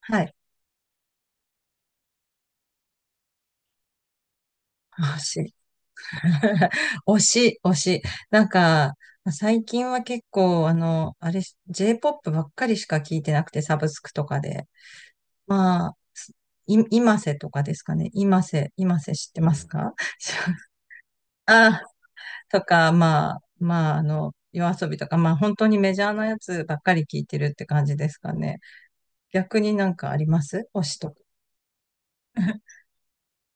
はい。推し。推し。なんか、最近は結構、あの、あれ、J-POP ばっかりしか聞いてなくて、サブスクとかで。まあ、今瀬とかですかね。今瀬知ってますか？ あ、とか、まあ、あの、夜遊びとか、まあ、本当にメジャーなやつばっかり聞いてるって感じですかね。逆になんかあります、推しとか？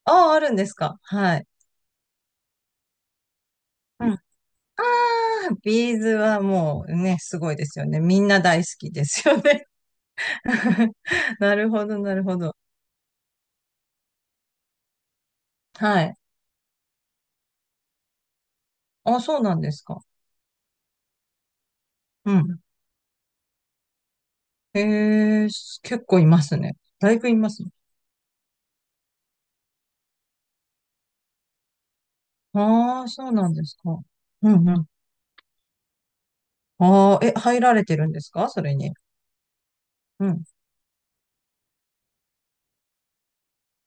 ああ、あるんですか、はい。ビーズはもうね、すごいですよね。みんな大好きですよね。なるほど、なるほど。はい。あ、そうなんですか。うん。えー、す結構いますね。だいぶいますね。ああ、そうなんですか。うんうん。ああ、え、入られてるんですか、それに？うん。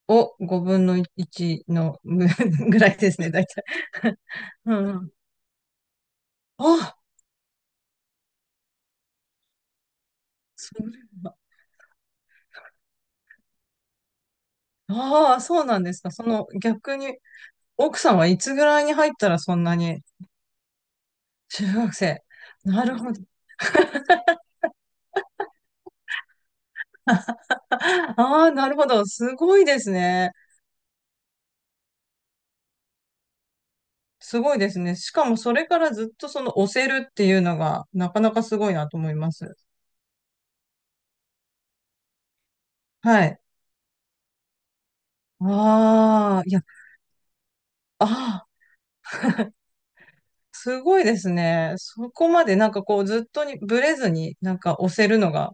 お、5分の1のぐ ぐらいですね、大体。うんうん。あ、それは。ああ、そうなんですか。その逆に、奥さんはいつぐらいに入ったらそんなに。中学生。なるほど。ああ、なるほど。すごいですね。すごいですね。しかもそれからずっとその押せるっていうのがなかなかすごいなと思います。はい。ああ、いや、ああ、すごいですね。そこまでなんかこうずっとにブレずになんか押せるのが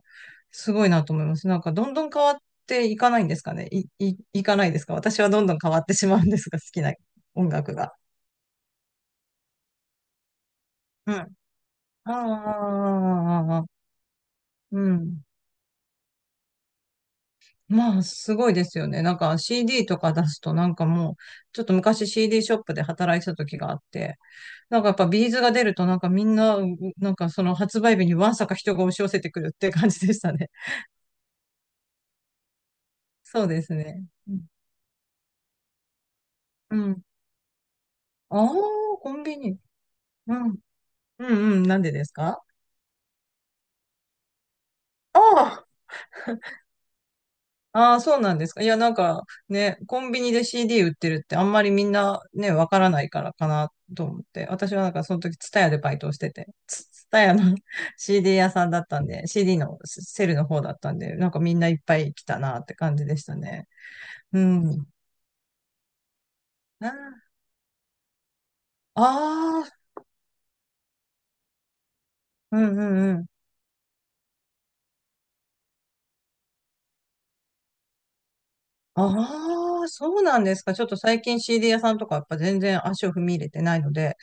すごいなと思います。なんかどんどん変わっていかないんですかね。いかないですか。私はどんどん変わってしまうんですが、好きな音楽が。うん。ああ、ああ、ああ、うん。まあ、すごいですよね。なんか CD とか出すと、なんかもう、ちょっと昔 CD ショップで働いてた時があって、なんかやっぱビーズが出ると、なんかみんな、う、なんかその発売日にわんさか人が押し寄せてくるって感じでしたね。そうですね。うん。うん、ああ、コンビニ。うん。うんうん。なんでですか？ああー、ああ、そうなんですか。いや、なんかね、コンビニで CD 売ってるってあんまりみんなね、わからないからかなと思って。私はなんかその時、ツタヤでバイトをしてて、ツツタヤの CD 屋さんだったんで、CD のセルの方だったんで、なんかみんないっぱい来たなって感じでしたね。うん。ああー、うんうんうん。ああ、そうなんですか。ちょっと最近 CD 屋さんとかやっぱ全然足を踏み入れてないので、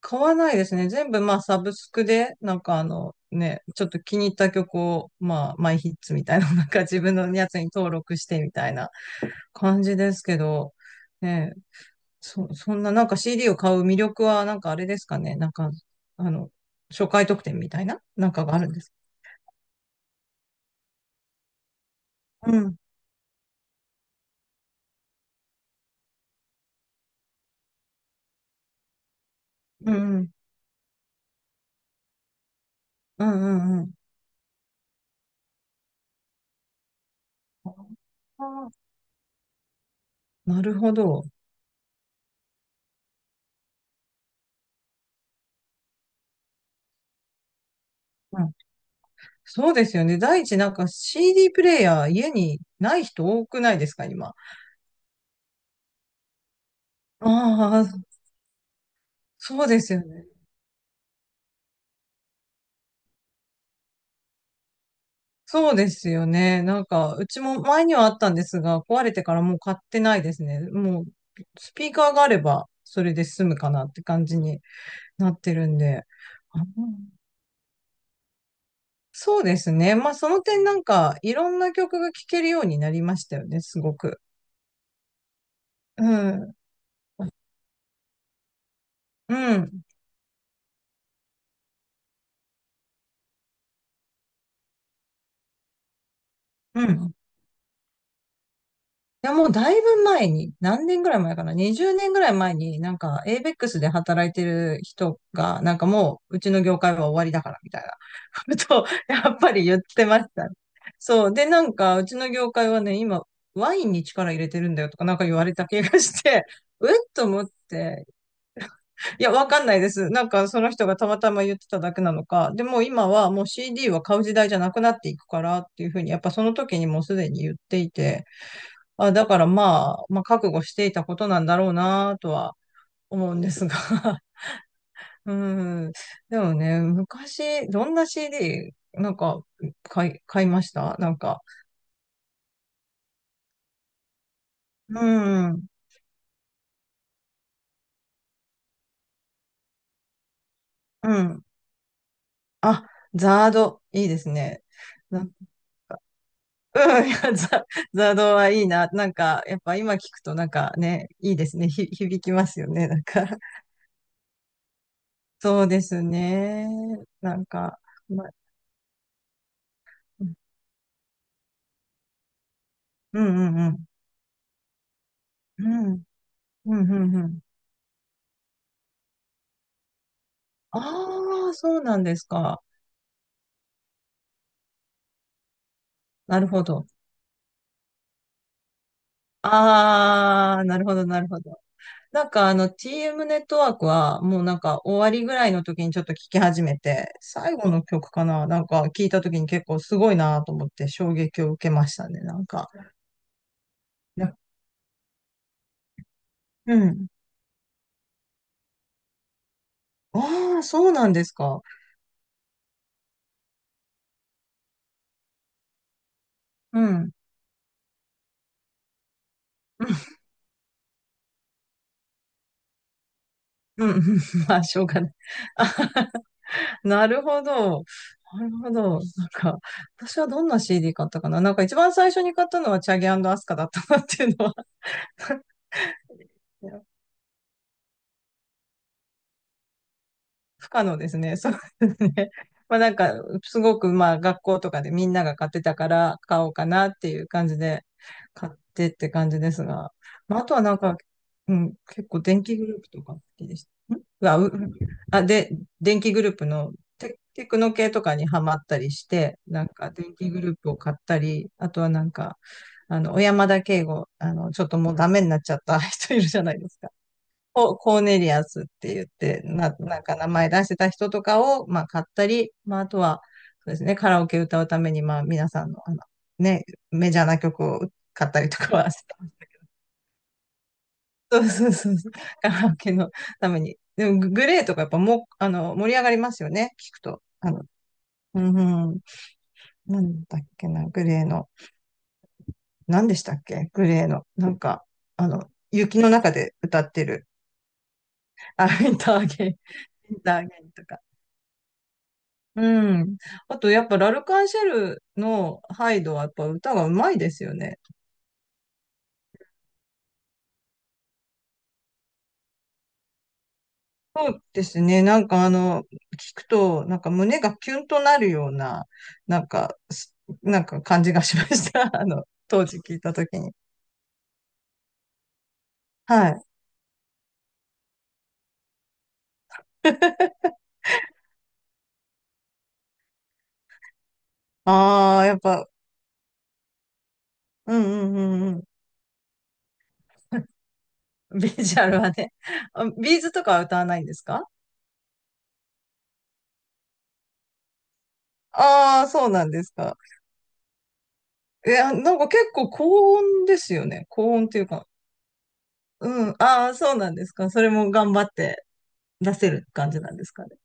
買わないですね。全部まあサブスクで、なんかあのね、ちょっと気に入った曲を、まあマイヒッツみたいな、なんか自分のやつに登録してみたいな感じですけど、ね、そんななんか CD を買う魅力はなんかあれですかね。なんか、あの、初回特典みたいななんかがあるんです？うん、うん、うん、うん、うん。あー、なるほど。うん、そうですよね。第一、なんか CD プレイヤー家にない人多くないですか、今。あ、そうですよね。そうですよね。なんか、うちも前にはあったんですが、壊れてからもう買ってないですね。もう、スピーカーがあれば、それで済むかなって感じになってるんで。あ、うん、そうですね。まあ、その点なんか、いろんな曲が聴けるようになりましたよね、すごく。うん、うん、うん。いや、もうだいぶ前に、何年ぐらい前かな、20年ぐらい前に、なんか、ABEX で働いてる人が、なんかもう、うちの業界は終わりだから、みたいなことを、やっぱり言ってましたね。そう。で、なんか、うちの業界はね、今、ワインに力入れてるんだよとか、なんか言われた気がして、えっと思って、いや、わかんないです。なんか、その人がたまたま言ってただけなのか、でも今はもう CD は買う時代じゃなくなっていくからっていうふうに、やっぱその時にもうすでに言っていて、あ、だからまあ、まあ、覚悟していたことなんだろうなとは思うんですが。うん。でもね、昔、どんな CD、なんか、買いましたなんか。うん。うん。あ、ザード、いいですね。な うん、いや、ザードはいいな。なんか、やっぱ今聞くとなんかね、いいですね。ひ、響きますよね。なんか、そうですね。なんか、ま、うんうんうん。うん、うん、うん、うん。ああ、そうなんですか。なるほど。ああ、なるほど、なるほど。なんかあの TM ネットワークはもうなんか終わりぐらいの時にちょっと聞き始めて、最後の曲かななんか聞いた時に結構すごいなと思って衝撃を受けましたね、なんか。な、うん。ああ、そうなんですか。うん。うん、うん、うん。 まあ、しょうがない。なるほど。なるほど。なんか、私はどんな CD 買ったかな、なんか一番最初に買ったのはチャゲアスカだったなっていうのは。 不可能ですね。そうですね。まあなんか、すごくまあ学校とかでみんなが買ってたから買おうかなっていう感じで買ってって感じですが。まああとはなんか、うん、結構電気グループとか好きでした。ん、うわ、う、うん、あ、で、電気グループのテクノ系とかにハマったりして、なんか電気グループを買ったり、あとはなんか、あの、小山田圭吾、あの、ちょっともうダメになっちゃった人いるじゃないですか。ココーネリアスって言って、な、なんか名前出してた人とかを、まあ、買ったり、まあ、あとは、そうですね、カラオケ歌うために、まあ、皆さんの、あの、ね、メジャーな曲を買ったりとかはしてます。そうそうそうそう。カラオケのために。でも、ググレーとかやっぱもう、あの、盛り上がりますよね、聞くと。あの、うんうん、なんだっけな、グレーの、何でしたっけ、グレーの、なんか、あの、雪の中で歌ってる、あ、ウィンターゲイン、ウィンターゲインとか。うん。あと、やっぱ、ラルカンシェルのハイドは、やっぱ歌がうまいですよね。そうですね。なんか、あの、聞くと、なんか胸がキュンとなるような、なんか、す、なんか感じがしました。あの、当時聞いたときに。はい。ああ、やっぱ、うんうんうんうん。ビジュアルはね。あ、ビーズとかは歌わないんですか？ああー、そうなんですか。いや、なんか結構高音ですよね。高音っていうか。うん。ああ、そうなんですか。それも頑張って出せる感じなんですかね。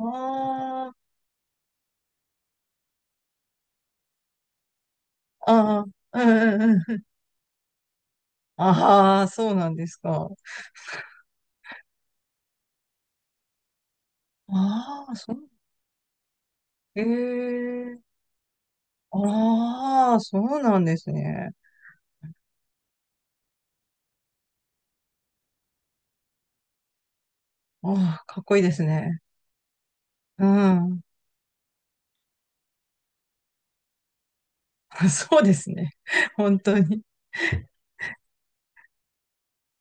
ああ、ああ、うんうんうん。ああ、そうなんですか。ああ、そう。ええ、ああ、そうなんですね。ああ、かっこいいですね。うん。そうですね。本当に。